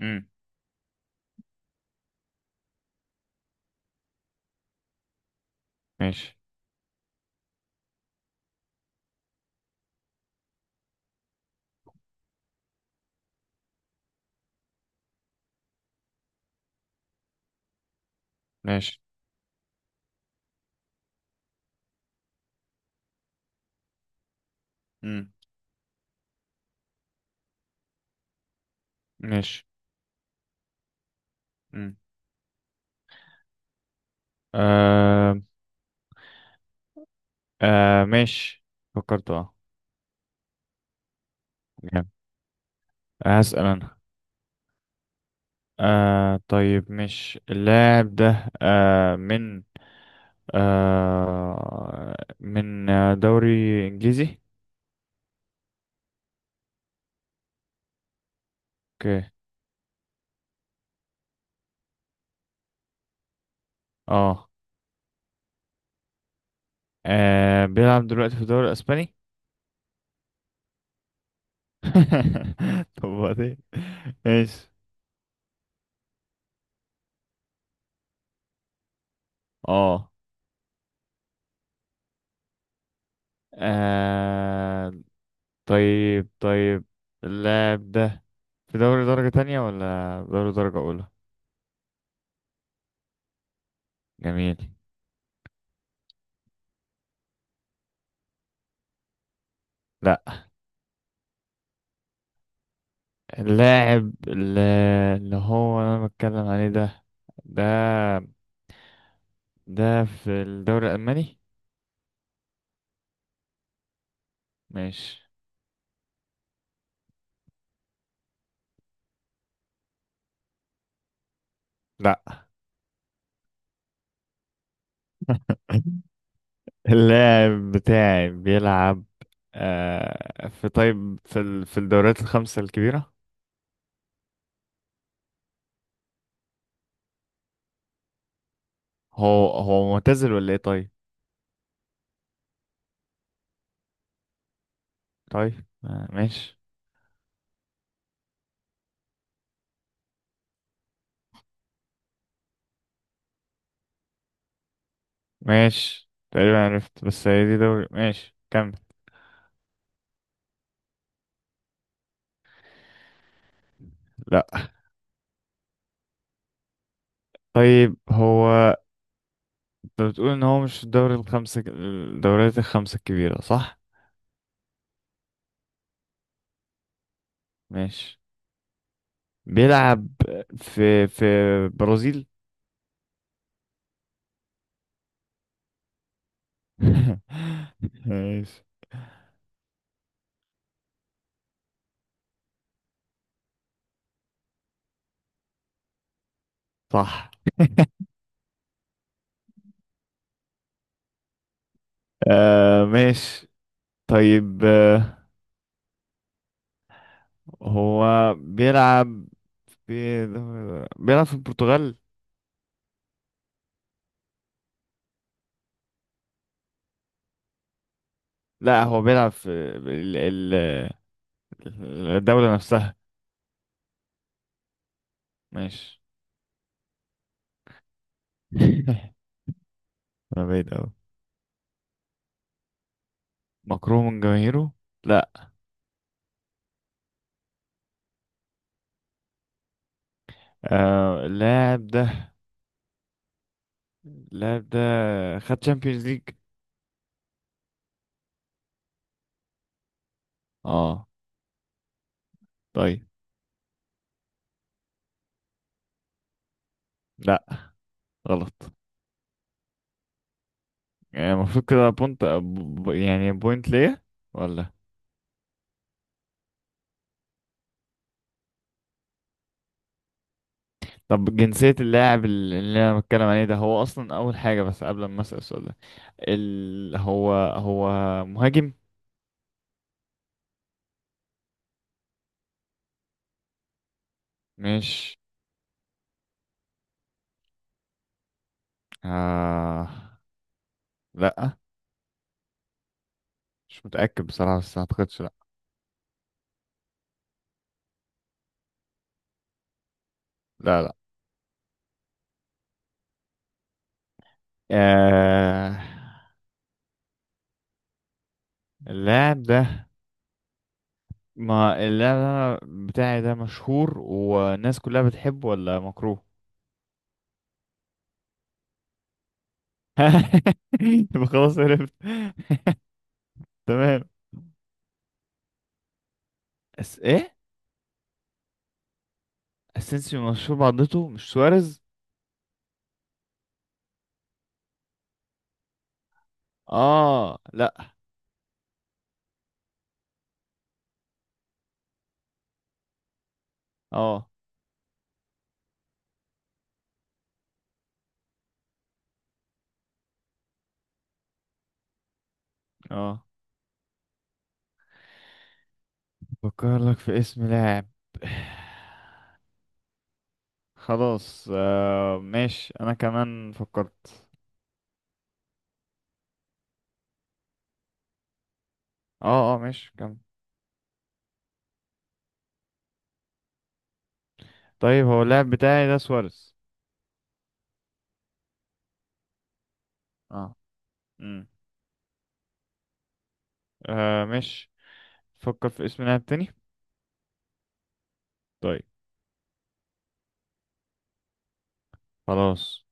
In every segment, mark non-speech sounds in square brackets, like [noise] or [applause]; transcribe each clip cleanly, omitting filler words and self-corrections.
امم ماشي ماشي. امم ماشي. امم آه. آه، ماشي. فكرت، اه. جامد. هسأل أنا. آه، طيب. مش اللاعب ده من دوري إنجليزي؟ اوكي. اه. بيلعب دلوقتي في الدوري الإسباني. [laughs] طب وبعدين. ماشي. اه. آه، طيب، طيب، اللاعب ده في دوري درجة تانية ولا دوري درجة أولى؟ جميل. لا. اللاعب اللي هو أنا بتكلم عليه ده ده في الدوري الألماني؟ ماشي. لا. [laughs] اللاعب بتاعي بيلعب في، طيب، في الدوريات الخمسة الكبيرة. هو هو معتزل ولا ايه، طيب؟ طيب، ماشي. ماشي، تقريبا عرفت. بس هي دي دوري. ماشي، كمل. لا. طيب، هو انت بتقول ان هو مش في الدوريات الخمسة الكبيرة، صح؟ ماشي. بيلعب في برازيل. [laughs] ماشي. صح. ماشي. طيب، هو بيلعب في بيلعب في البرتغال؟ لا، هو بيلعب في ال- ال- الدولة نفسها. ماشي. [laughs] انا بعيد أوي. مكروه من جماهيره؟ لا. آه، اللاعب ده خد تشامبيونز ليج. اه. طيب. لا. غلط. يعني المفروض كده يعني بوينت ليا، ولا؟ طب، جنسية اللاعب اللي انا بتكلم عليه ده هو اصلا اول حاجة، بس قبل ما اسأل السؤال ده، هو هو مهاجم؟ مش، آه... لا. مش متأكد بصراحة، بس ما اعتقدش، لا. لا، لا. آه... اللاعب ده ما اللعبة بتاعي ده مشهور والناس كلها بتحبه ولا مكروه؟ [laughs] يبقى خلاص، عرفت. [laughs] تمام. أس ايه؟ اسينسيو مشهور بعضته؟ مش سواريز؟ اه. لا. اه، اه، بفكر لك في اسم لاعب. [sighs] خلاص، ماشي، انا كمان فكرت. اه، اه، ماشي، كمل. طيب، هو اللاعب بتاعي ده سواريز؟ اه. امم ماشي. فكر في اسم لاعب تاني. طيب. خلاص،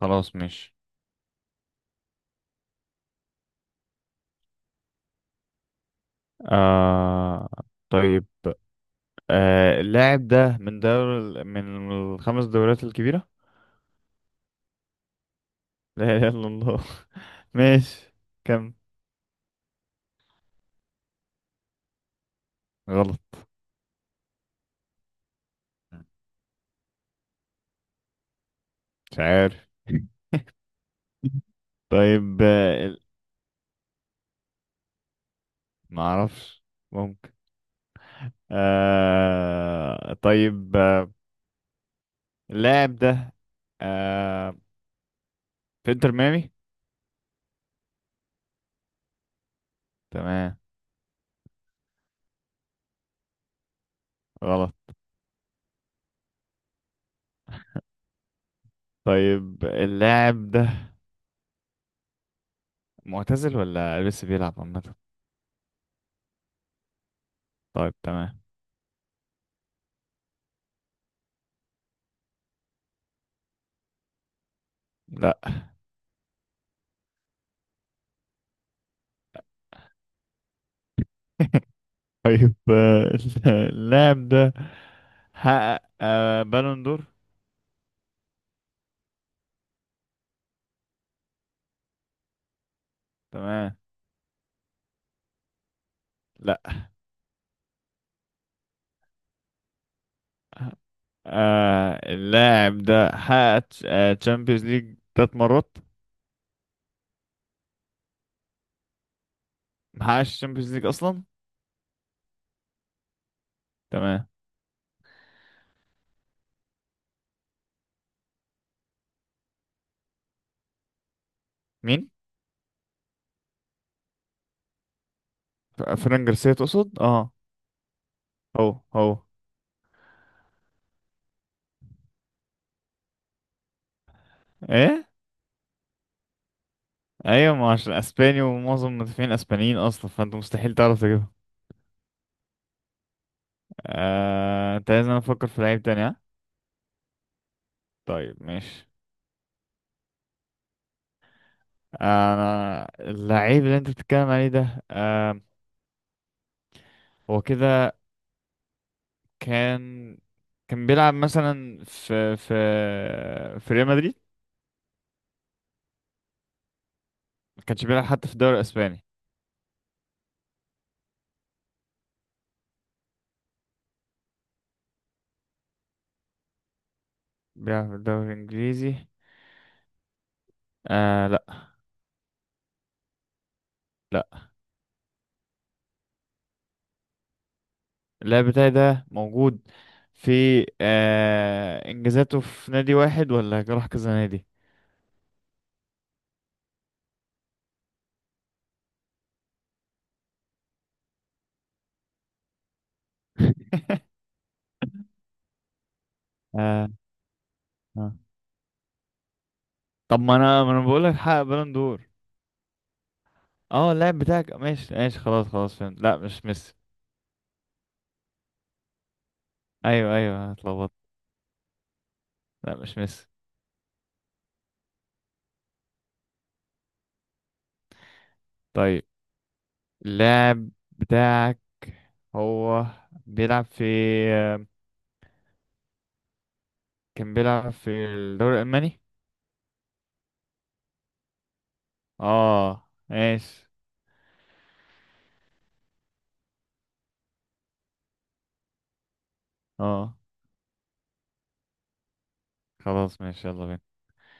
خلاص، ماشي. آه طيب. اللاعب ده من الخمس دوريات الكبيرة؟ [laughs] لا إله إلا الله. [laughs] ماشي. كم؟ غلط. مش عارف. [laughs] طيب، ما اعرفش. ممكن. طيب. اللاعب ده آه في انتر ميامي؟ تمام. غلط. طيب، اللاعب ده معتزل ولا لسه بيلعب، عامة؟ طيب، تمام. لا. [laughs] طيب. [laughs] اللاعب ده حقق بالون دور؟ تمام. لا. اللاعب ده حقق تشامبيونز ليج تلات مرات؟ ما حققش تشامبيونز ليج اصلا؟ تمام. مين؟ فران جارسيا تقصد، اه؟ هو هو. ايه؟ ايوه، ما عشان اسباني ومعظم المدافعين اسبانيين اصلا، فانت مستحيل تعرف تجيبها. انت لازم افكر في لعيب تاني، ها؟ طيب، ماشي. انا اللعيب اللي انت بتتكلم عليه ده، هو كده كان كان بيلعب مثلا في ريال مدريد؟ ما كانش بيلعب حتى في الدوري الاسباني؟ بيلعب في الدوري الانجليزي؟ آه، لا. لا. اللاعب بتاعي ده موجود في، انجازاته في نادي واحد، ولا راح كذا نادي؟ [laughs] آه، آه. طب، ما انا بقول لك حقق بالون دور. اه، اللاعب بتاعك. ماشي، ماشي. خلاص، خلاص، فهمت. لا، مش ميسي. ايوه، ايوه، اتلخبطت. لا، مش ميسي. طيب، اللاعب بتاعك هو بيلعب في كان بيلعب في الدوري الألماني؟ اه، ماشي. اه، خلاص، ماشي. يلا بينا.